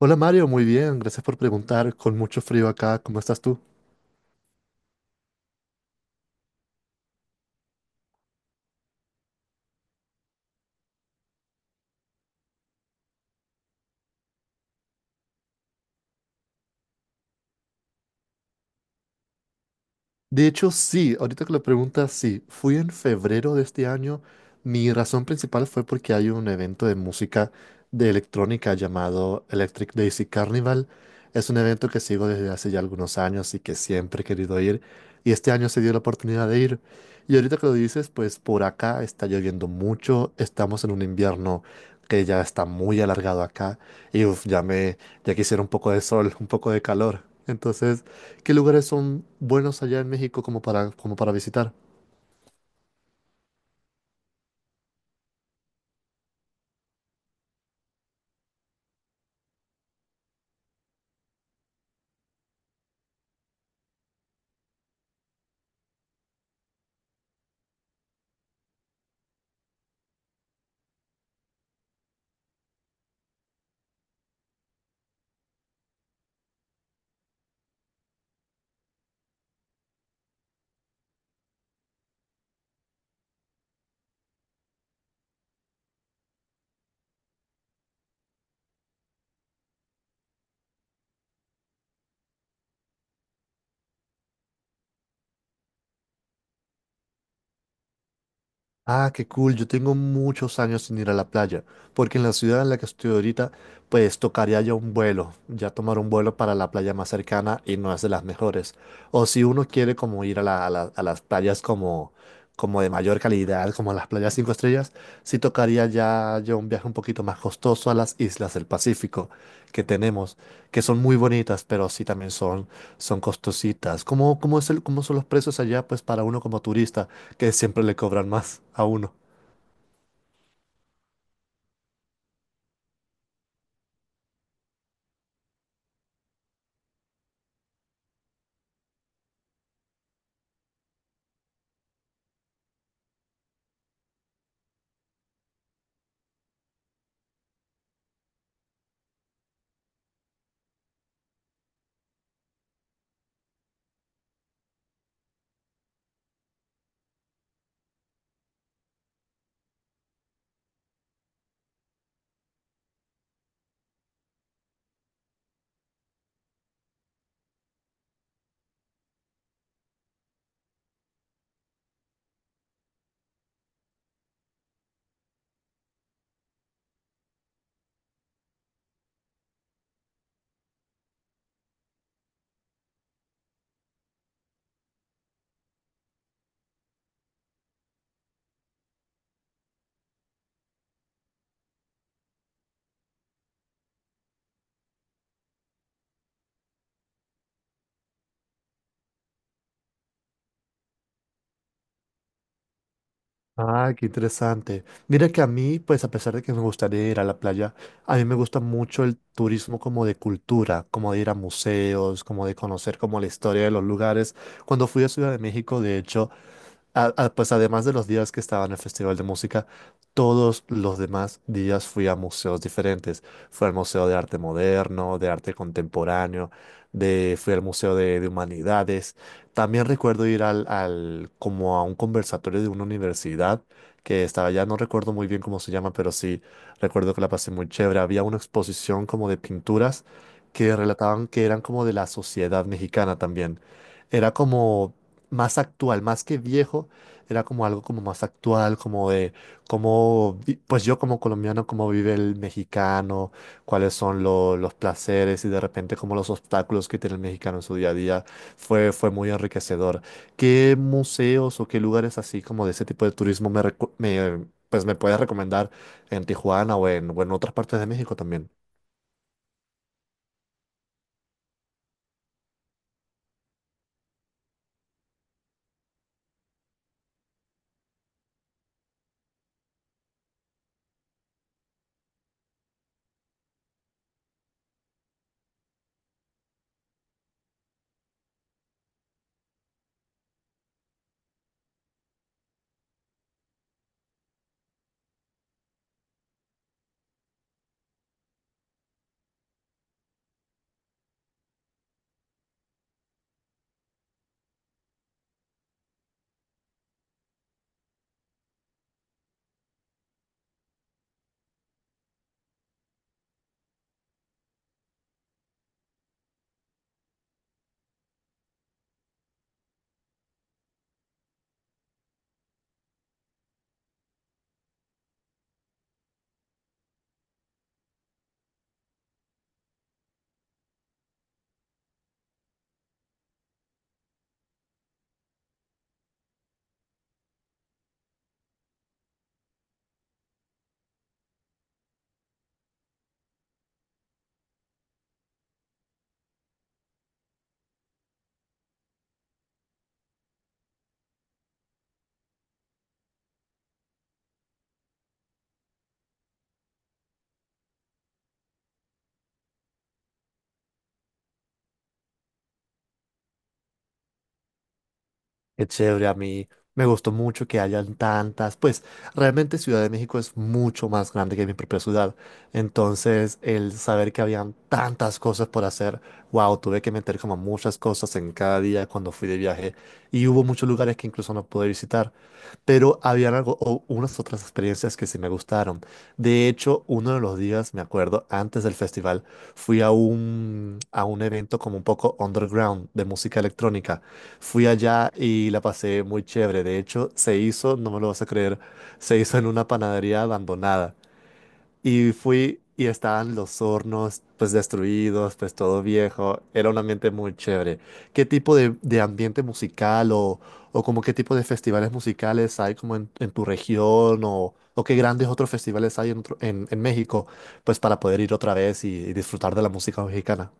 Hola Mario, muy bien, gracias por preguntar. Con mucho frío acá, ¿cómo estás tú? De hecho, sí, ahorita que lo preguntas, sí, fui en febrero de este año. Mi razón principal fue porque hay un evento de música de electrónica llamado Electric Daisy Carnival. Es un evento que sigo desde hace ya algunos años y que siempre he querido ir. Y este año se dio la oportunidad de ir. Y ahorita que lo dices, pues por acá está lloviendo mucho. Estamos en un invierno que ya está muy alargado acá. Y uf, ya quisiera un poco de sol, un poco de calor. Entonces. ¿Qué lugares son buenos allá en México como para visitar? Ah, qué cool. Yo tengo muchos años sin ir a la playa, porque en la ciudad en la que estoy ahorita, pues tocaría ya un vuelo, ya tomar un vuelo para la playa más cercana y no es de las mejores. O si uno quiere como ir a las playas como de mayor calidad, como las playas cinco estrellas, sí tocaría ya un viaje un poquito más costoso a las islas del Pacífico que tenemos, que son muy bonitas, pero sí también son costositas. ¿Cómo son los precios allá, pues para uno como turista? Que siempre le cobran más a uno. Ah, qué interesante. Mira que a mí, pues a pesar de que me gustaría ir a la playa, a mí me gusta mucho el turismo como de cultura, como de ir a museos, como de conocer como la historia de los lugares. Cuando fui a Ciudad de México, de hecho, pues además de los días que estaba en el Festival de Música, todos los demás días fui a museos diferentes. Fui al Museo de Arte Moderno, de Arte Contemporáneo, fui al Museo de, Humanidades. También recuerdo ir como a un conversatorio de una universidad que estaba allá, no recuerdo muy bien cómo se llama, pero sí recuerdo que la pasé muy chévere. Había una exposición como de pinturas que relataban que eran como de la sociedad mexicana también. Era como más actual, más que viejo, era como algo como más actual, como de cómo, pues yo como colombiano, cómo vive el mexicano, cuáles son los placeres y de repente como los obstáculos que tiene el mexicano en su día a día, fue muy enriquecedor. ¿Qué museos o qué lugares así como de ese tipo de turismo pues me puedes recomendar en Tijuana o o en otras partes de México también? Qué chévere, a mí me gustó mucho que hayan tantas, pues realmente Ciudad de México es mucho más grande que mi propia ciudad, entonces el saber que habían tantas cosas por hacer, wow, tuve que meter como muchas cosas en cada día cuando fui de viaje y hubo muchos lugares que incluso no pude visitar, pero habían algo, o unas otras experiencias que sí me gustaron. De hecho, uno de los días, me acuerdo, antes del festival, fui a un, evento como un poco underground de música electrónica. Fui allá y la pasé muy chévere. De hecho, se hizo, no me lo vas a creer, se hizo en una panadería abandonada. Y fui y estaban los hornos pues destruidos, pues todo viejo. Era un ambiente muy chévere. ¿Qué tipo de, ambiente musical o como qué tipo de festivales musicales hay como en, tu región o qué grandes otros festivales hay en México pues para poder ir otra vez y disfrutar de la música mexicana?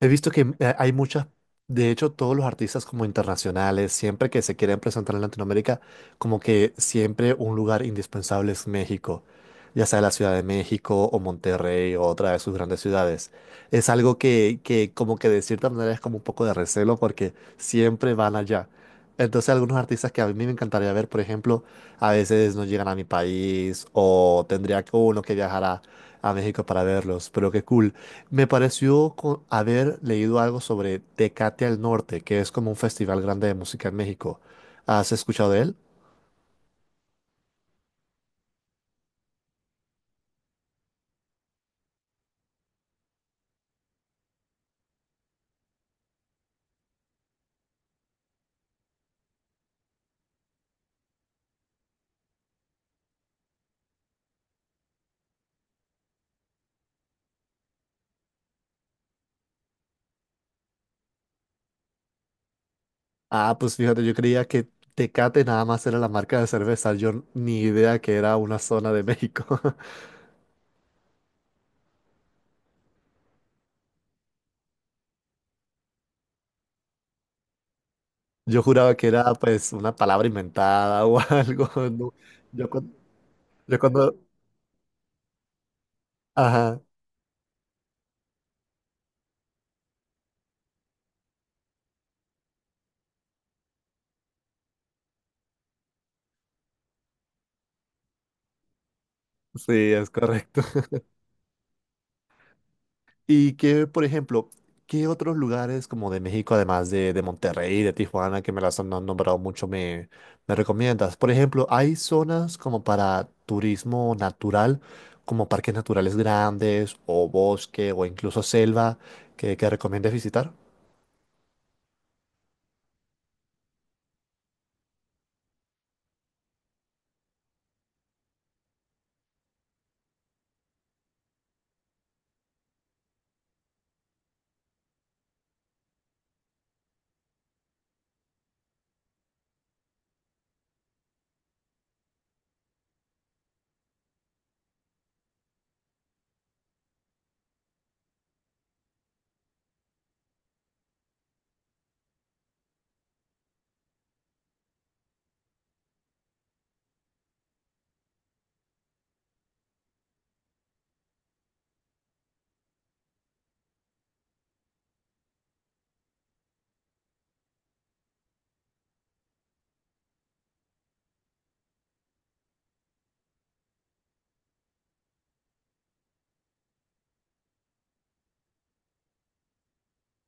He visto que hay muchas, de hecho, todos los artistas como internacionales, siempre que se quieren presentar en Latinoamérica, como que siempre un lugar indispensable es México, ya sea la Ciudad de México o Monterrey o otra de sus grandes ciudades. Es algo que, como que de cierta manera es como un poco de recelo porque siempre van allá. Entonces algunos artistas que a mí me encantaría ver, por ejemplo, a veces no llegan a mi país o tendría uno que viajar a México para verlos, pero qué cool. Me pareció haber leído algo sobre Tecate al Norte, que es como un festival grande de música en México. ¿Has escuchado de él? Ah, pues fíjate, yo creía que Tecate nada más era la marca de cerveza, yo ni idea que era una zona de México. Yo juraba que era pues una palabra inventada o algo. No. Yo cuando, yo cuando, ajá. Sí, es correcto. Y que, por ejemplo, ¿qué otros lugares como de México, además de Monterrey y de Tijuana, que me las han nombrado mucho, me recomiendas? Por ejemplo, ¿hay zonas como para turismo natural, como parques naturales grandes, o bosque, o incluso selva, que recomiendes visitar?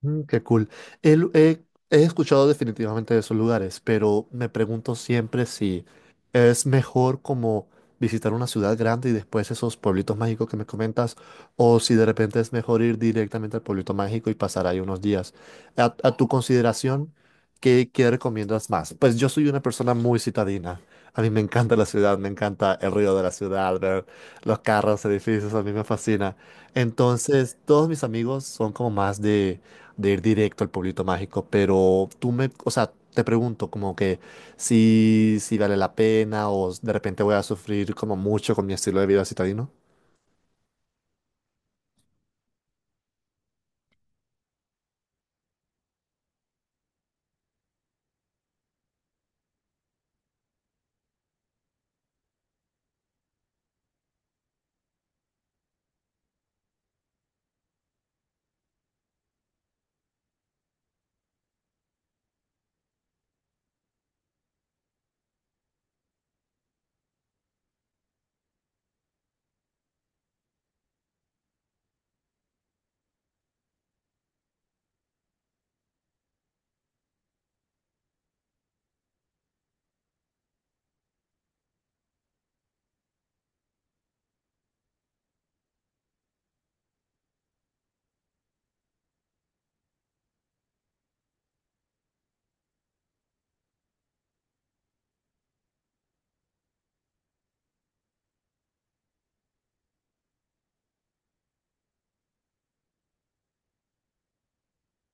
Mm, qué cool. El- he, he escuchado definitivamente de esos lugares, pero me pregunto siempre si es mejor como visitar una ciudad grande y después esos pueblitos mágicos que me comentas, o si de repente es mejor ir directamente al pueblito mágico y pasar ahí unos días. A tu consideración, ¿qué recomiendas más? Pues yo soy una persona muy citadina. A mí me encanta la ciudad, me encanta el río de la ciudad, los carros, edificios, a mí me fascina. Entonces, todos mis amigos son como más de, ir directo al pueblito mágico, pero tú o sea, te pregunto como que si vale la pena o de repente voy a sufrir como mucho con mi estilo de vida citadino.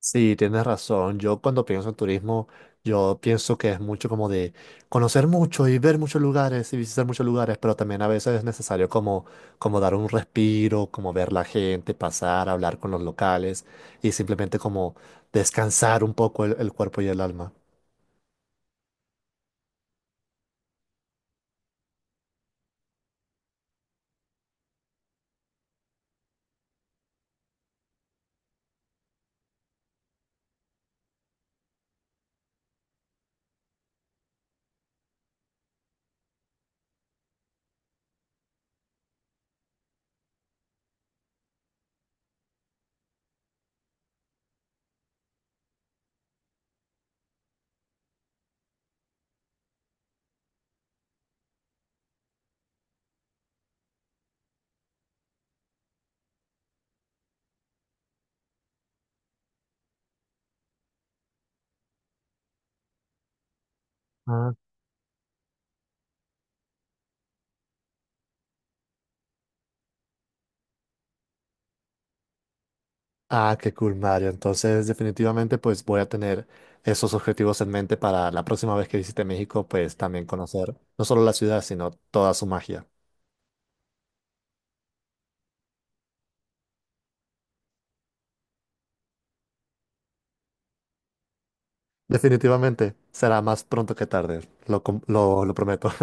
Sí, tienes razón. Yo cuando pienso en turismo, yo pienso que es mucho como de conocer mucho y ver muchos lugares y visitar muchos lugares, pero también a veces es necesario como, dar un respiro, como ver la gente pasar, hablar con los locales y simplemente como descansar un poco el cuerpo y el alma. Ah, Ah, qué cool, Mario. Entonces, definitivamente, pues voy a tener esos objetivos en mente para la próxima vez que visite México, pues también conocer no solo la ciudad, sino toda su magia. Definitivamente será más pronto que tarde, lo prometo.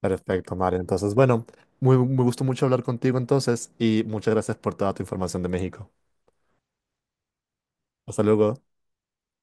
Perfecto, Mario. Entonces, bueno, me gustó mucho hablar contigo entonces y muchas gracias por toda tu información de México. Hasta luego.